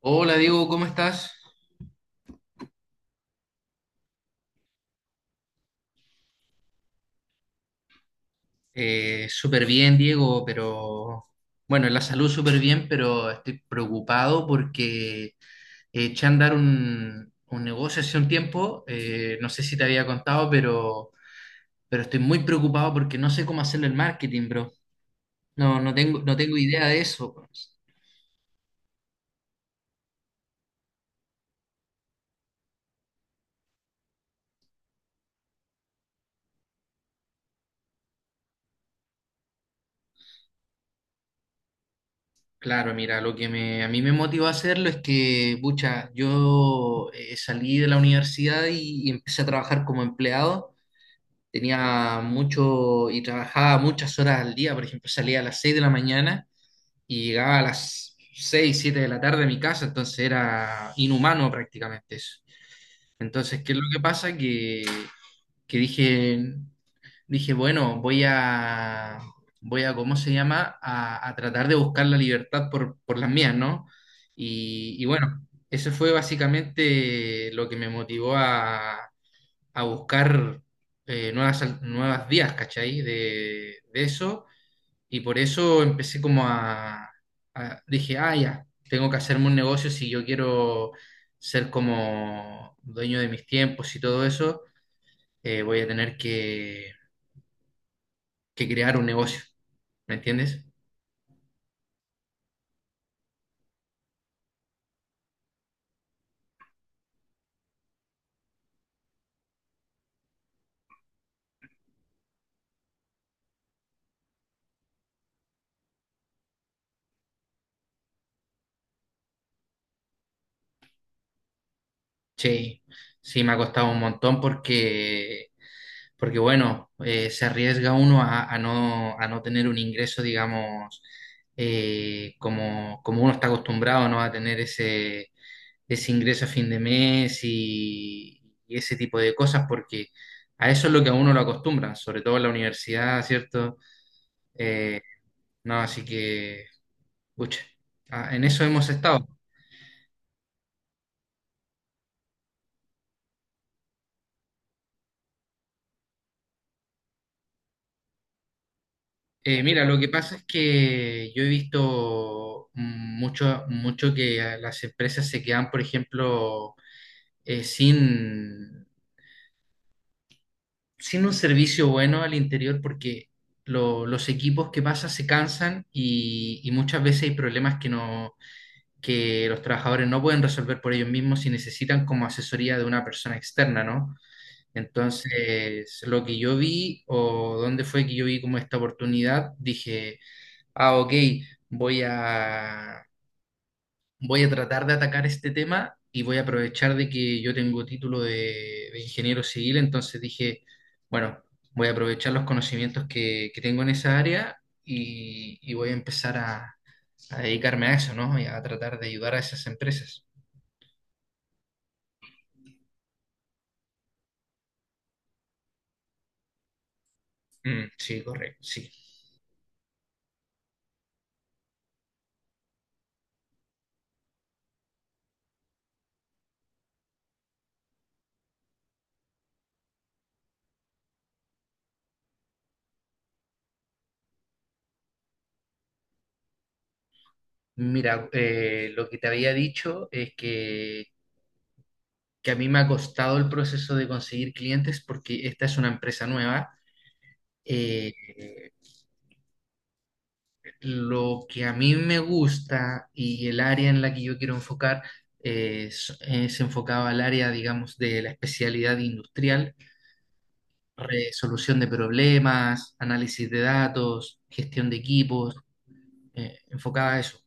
Hola Diego, ¿cómo estás? Súper bien, Diego, pero bueno, en la salud súper bien, pero estoy preocupado porque eché a andar un negocio hace un tiempo, no sé si te había contado, pero estoy muy preocupado porque no sé cómo hacerle el marketing, bro. No, no tengo idea de eso. Claro, mira, lo que me, a mí me motivó a hacerlo es que, pucha, yo salí de la universidad y empecé a trabajar como empleado. Tenía mucho y trabajaba muchas horas al día, por ejemplo, salía a las 6 de la mañana y llegaba a las 6 7 de la tarde a mi casa, entonces era inhumano prácticamente eso. Entonces, ¿qué es lo que pasa? Que dije, bueno, voy a, ¿cómo se llama? A tratar de buscar la libertad por las mías, ¿no? Y bueno, eso fue básicamente lo que me motivó a buscar nuevas vías, ¿cachai? De eso. Y por eso empecé como dije, ah, ya, tengo que hacerme un negocio si yo quiero ser como dueño de mis tiempos y todo eso, voy a tener que crear un negocio, ¿me entiendes? Sí, sí, me ha costado un montón porque, porque bueno, se arriesga uno a no, a no tener un ingreso, digamos, como, como uno está acostumbrado, ¿no? A tener ese, ese ingreso a fin de mes y ese tipo de cosas, porque a eso es lo que a uno lo acostumbran, sobre todo en la universidad, ¿cierto? Eh, no, así que, pucha, ah, en eso hemos estado. Mira, lo que pasa es que yo he visto mucho, mucho que las empresas se quedan, por ejemplo, eh, sin, sin un servicio bueno al interior porque los equipos que pasan se cansan y muchas veces hay problemas que los trabajadores no pueden resolver por ellos mismos y necesitan como asesoría de una persona externa, ¿no? Entonces, lo que yo vi o dónde fue que yo vi como esta oportunidad, dije... Ah, ok, voy a, voy a tratar de atacar este tema y voy a aprovechar de que yo tengo título de ingeniero civil, entonces dije, bueno, voy a aprovechar los conocimientos que tengo en esa área y voy a empezar a dedicarme a eso, ¿no? Y a tratar de ayudar a esas empresas. Mm, sí, correcto, sí. Mira, lo que te había dicho es que a mí me ha costado el proceso de conseguir clientes porque esta es una empresa nueva. eh, Lo que a mí me gusta y el área en la que yo quiero enfocar es enfocado al área, digamos, de la especialidad industrial, resolución de problemas, análisis de datos, gestión de equipos, enfocada a eso.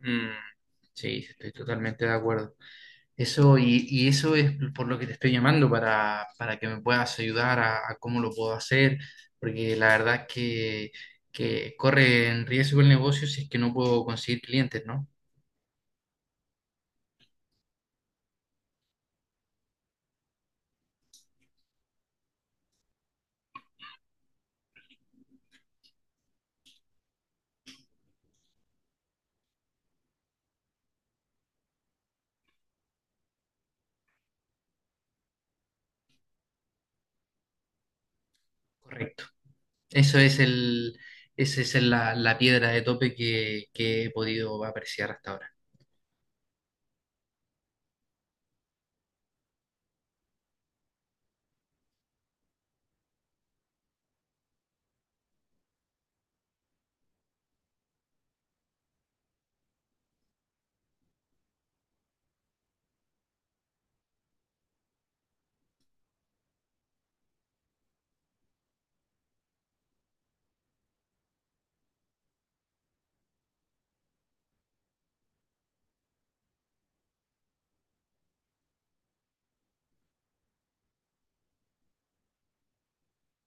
Mm, sí, estoy totalmente de acuerdo. Eso, y eso es por lo que te estoy llamando, para que me puedas ayudar a cómo lo puedo hacer, porque la verdad que corre en riesgo el negocio si es que no puedo conseguir clientes, ¿no? Correcto. Eso es el, esa es la, la piedra de tope que he podido apreciar hasta ahora.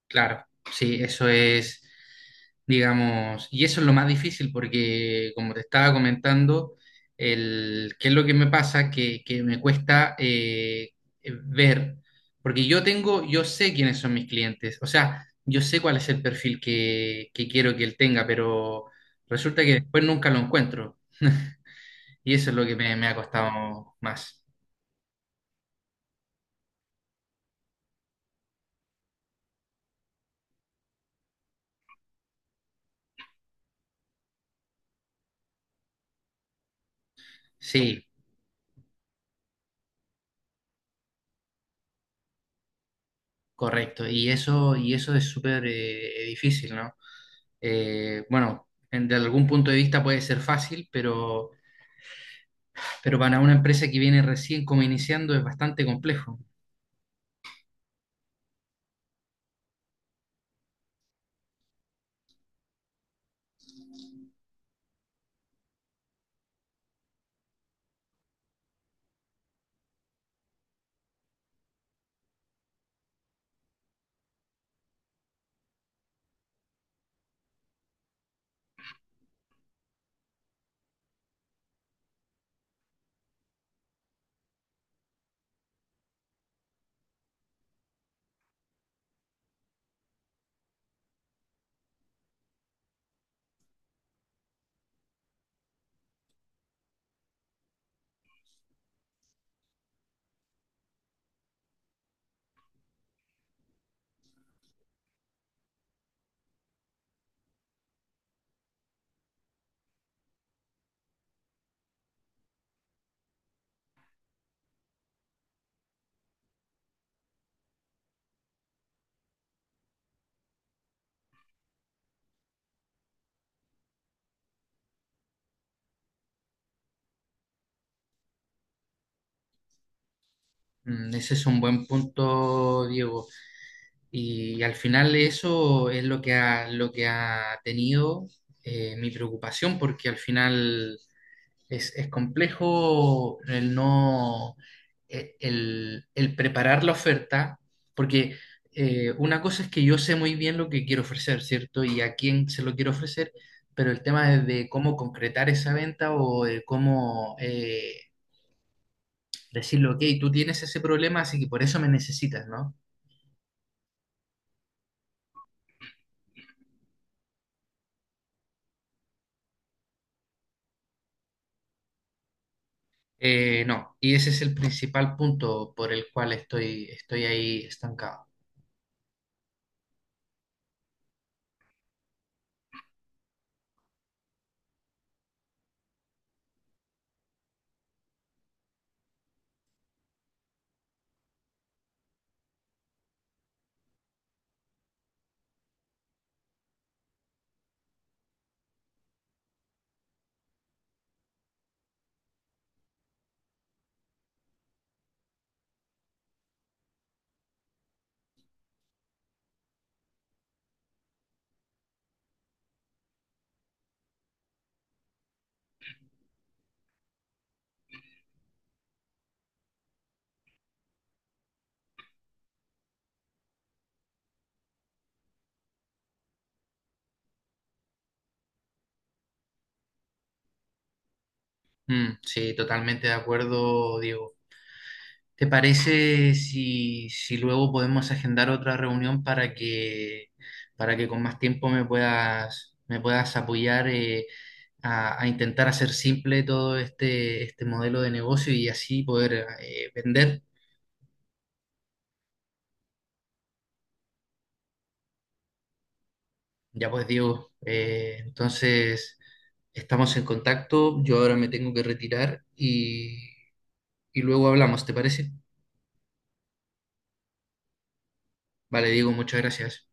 Claro, sí, eso es, digamos, y eso es lo más difícil porque, como te estaba comentando, el, qué es lo que me pasa, que me cuesta ver, porque yo tengo, yo sé quiénes son mis clientes, o sea, yo sé cuál es el perfil que quiero que él tenga, pero resulta que después nunca lo encuentro. Y eso es lo que me ha costado más. Sí, correcto, y eso es súper difícil, ¿no? Bueno, de algún punto de vista puede ser fácil, pero para una empresa que viene recién como iniciando es bastante complejo. Mm, ese es un buen punto, Diego. Y al final eso es lo que ha tenido mi preocupación, porque al final es complejo el no, el preparar la oferta, porque una cosa es que yo sé muy bien lo que quiero ofrecer, ¿cierto? Y a quién se lo quiero ofrecer, pero el tema es de cómo concretar esa venta o de cómo decirle, ok, tú tienes ese problema, así que por eso me necesitas, ¿no? No, y ese es el principal punto por el cual estoy, estoy ahí estancado. Mm, sí, totalmente de acuerdo, Diego. ¿Te parece si, si luego podemos agendar otra reunión para que con más tiempo me puedas apoyar a intentar hacer simple todo este, este modelo de negocio y así poder vender? Ya pues Diego, entonces estamos en contacto, yo ahora me tengo que retirar y luego hablamos, ¿te parece? Vale, Diego, muchas gracias.